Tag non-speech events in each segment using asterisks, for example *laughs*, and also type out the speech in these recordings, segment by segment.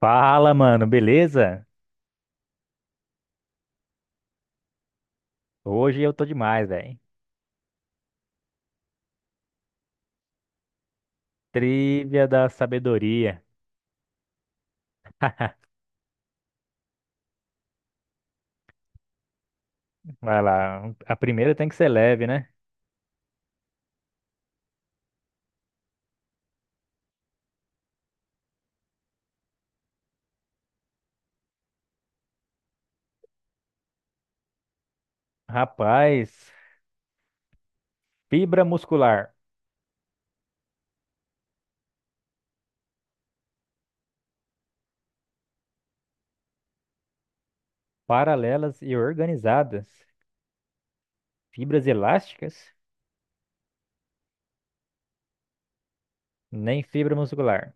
Fala, mano, beleza? Hoje eu tô demais, velho. Trivia da sabedoria. Vai lá. A primeira tem que ser leve, né? Rapaz, fibra muscular, paralelas e organizadas. Fibras elásticas? Nem fibra muscular.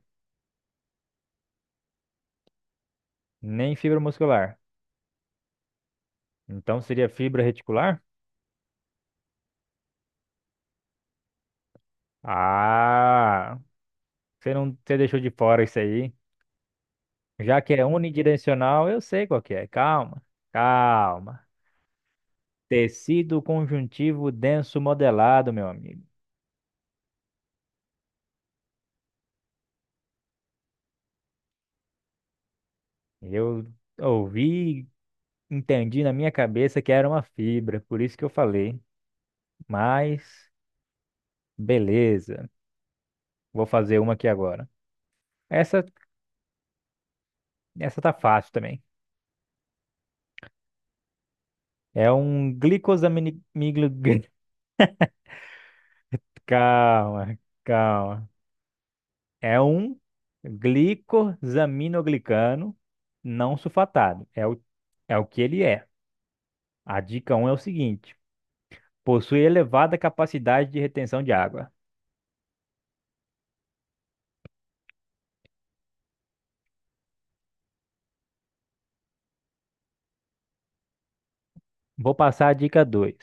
Nem fibra muscular. Então seria fibra reticular? Ah, você não, você deixou de fora isso aí. Já que é unidirecional, eu sei qual que é. Calma, calma. Tecido conjuntivo denso modelado, meu amigo. Eu ouvi, e entendi na minha cabeça que era uma fibra, por isso que eu falei. Mas beleza, vou fazer uma aqui agora. Essa, essa tá fácil também. É um glicosamine... miglo- gli- *laughs* Calma, calma. É um glicosaminoglicano não sulfatado. É o que ele é. A dica um é o seguinte. Possui elevada capacidade de retenção de água. Vou passar a dica 2.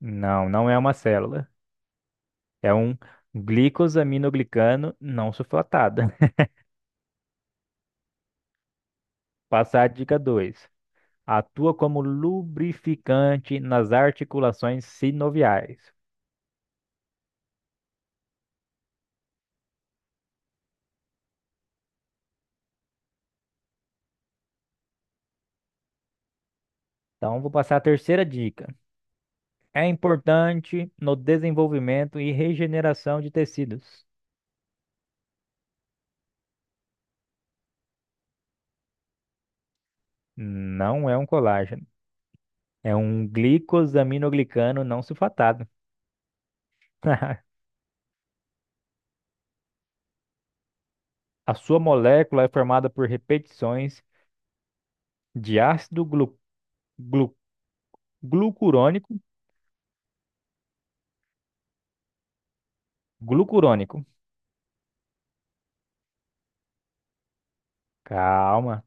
Não, não é uma célula. É um glicosaminoglicano não sulfatado. *laughs* Passar a dica 2. Atua como lubrificante nas articulações sinoviais. Então, vou passar a terceira dica. É importante no desenvolvimento e regeneração de tecidos. Não é um colágeno. É um glicosaminoglicano não sulfatado. *laughs* A sua molécula é formada por repetições de ácido glu- glucurônico, glucurônico. Calma.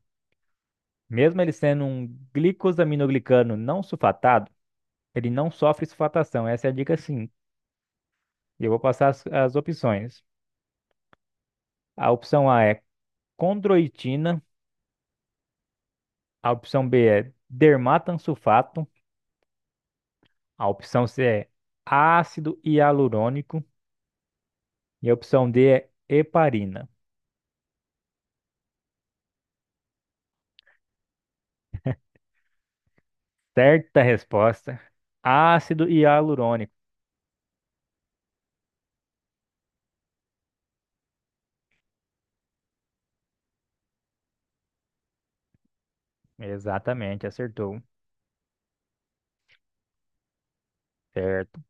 Mesmo ele sendo um glicosaminoglicano não sulfatado, ele não sofre sulfatação. Essa é a dica sim. Eu vou passar as opções. A opção A é condroitina, a opção B é dermatansulfato, a opção C é ácido hialurônico e a opção D é heparina. Certa resposta, ácido hialurônico. Exatamente, acertou. Certo.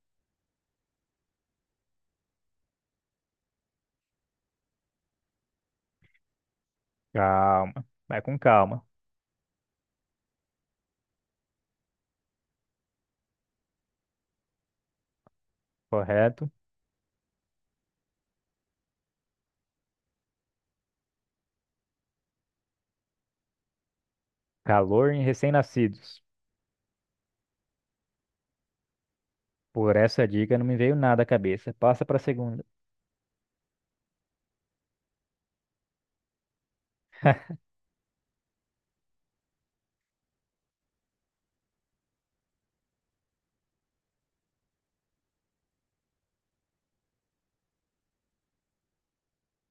Calma. Vai com calma. Correto. Calor em recém-nascidos. Por essa dica não me veio nada à cabeça. Passa para a segunda.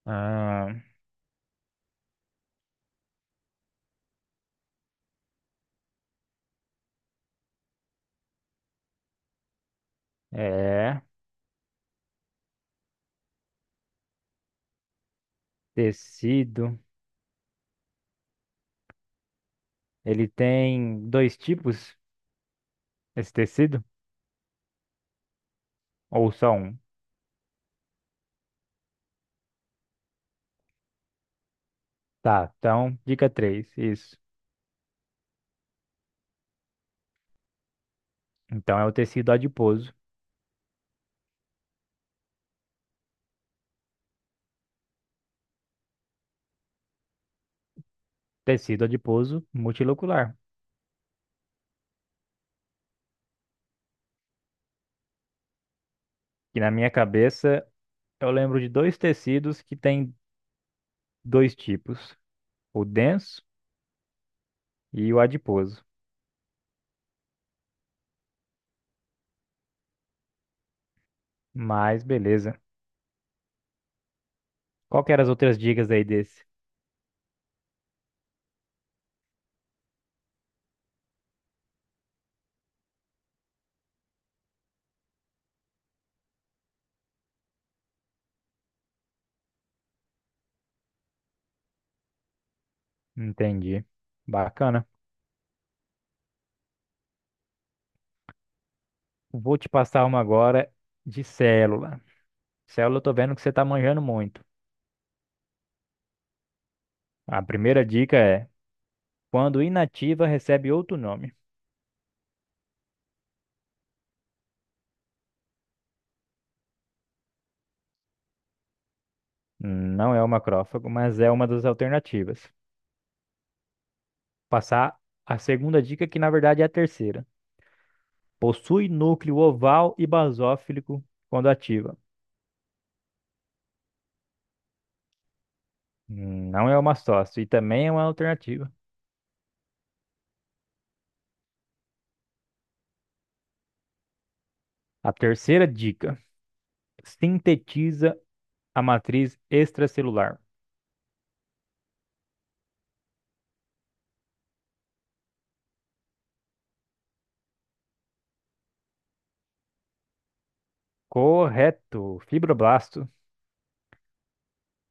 Ah, é. Tecido. Ele tem dois tipos, esse tecido? Ou só um? Tá, então, dica 3 isso. Então é o tecido adiposo. Tecido adiposo multilocular. Que na minha cabeça eu lembro de dois tecidos que têm dois tipos. O denso e o adiposo. Mas beleza. Qual que eram as outras dicas aí desse? Entendi. Bacana. Vou te passar uma agora de célula. Célula, eu tô vendo que você tá manjando muito. A primeira dica é: quando inativa, recebe outro nome. Não é o macrófago, mas é uma das alternativas. Passar a segunda dica, que na verdade é a terceira. Possui núcleo oval e basófilico quando ativa. Não é o mastócito e também é uma alternativa. A terceira dica. Sintetiza a matriz extracelular. Correto, fibroblasto.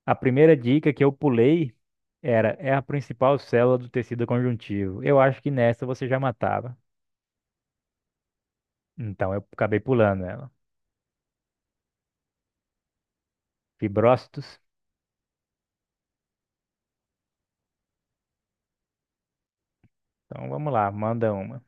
A primeira dica que eu pulei é a principal célula do tecido conjuntivo. Eu acho que nessa você já matava. Então eu acabei pulando ela. Fibrócitos. Então vamos lá, manda uma.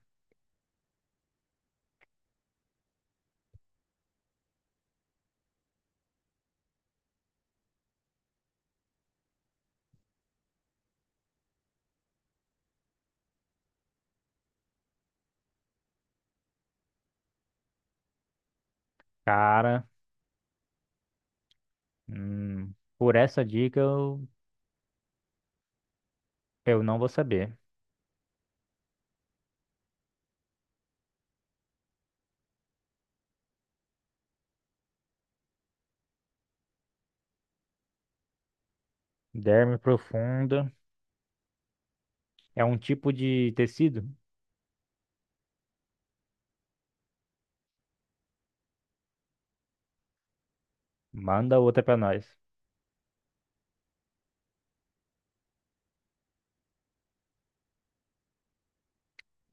Cara, hum, por essa dica, eu não vou saber. Derme profunda é um tipo de tecido? Manda outra pra nós.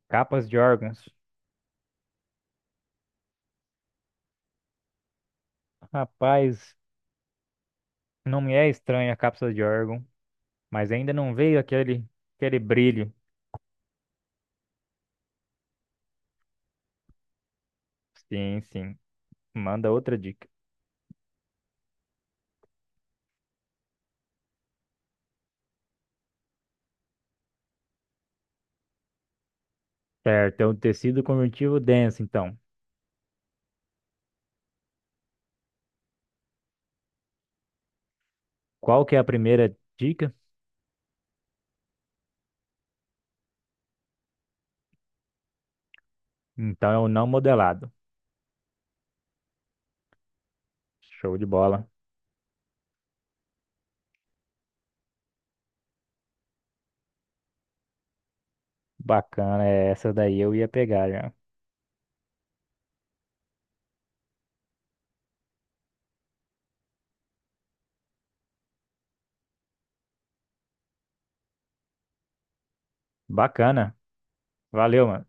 Capas de órgãos. Rapaz, não me é estranha a cápsula de órgão, mas ainda não veio aquele, aquele brilho. Sim, sim. Manda outra dica. Certo, é um tecido conjuntivo denso, então. Qual que é a primeira dica? Então é o não modelado. Show de bola. Bacana, é essa daí eu ia pegar já. Bacana. Valeu, mano.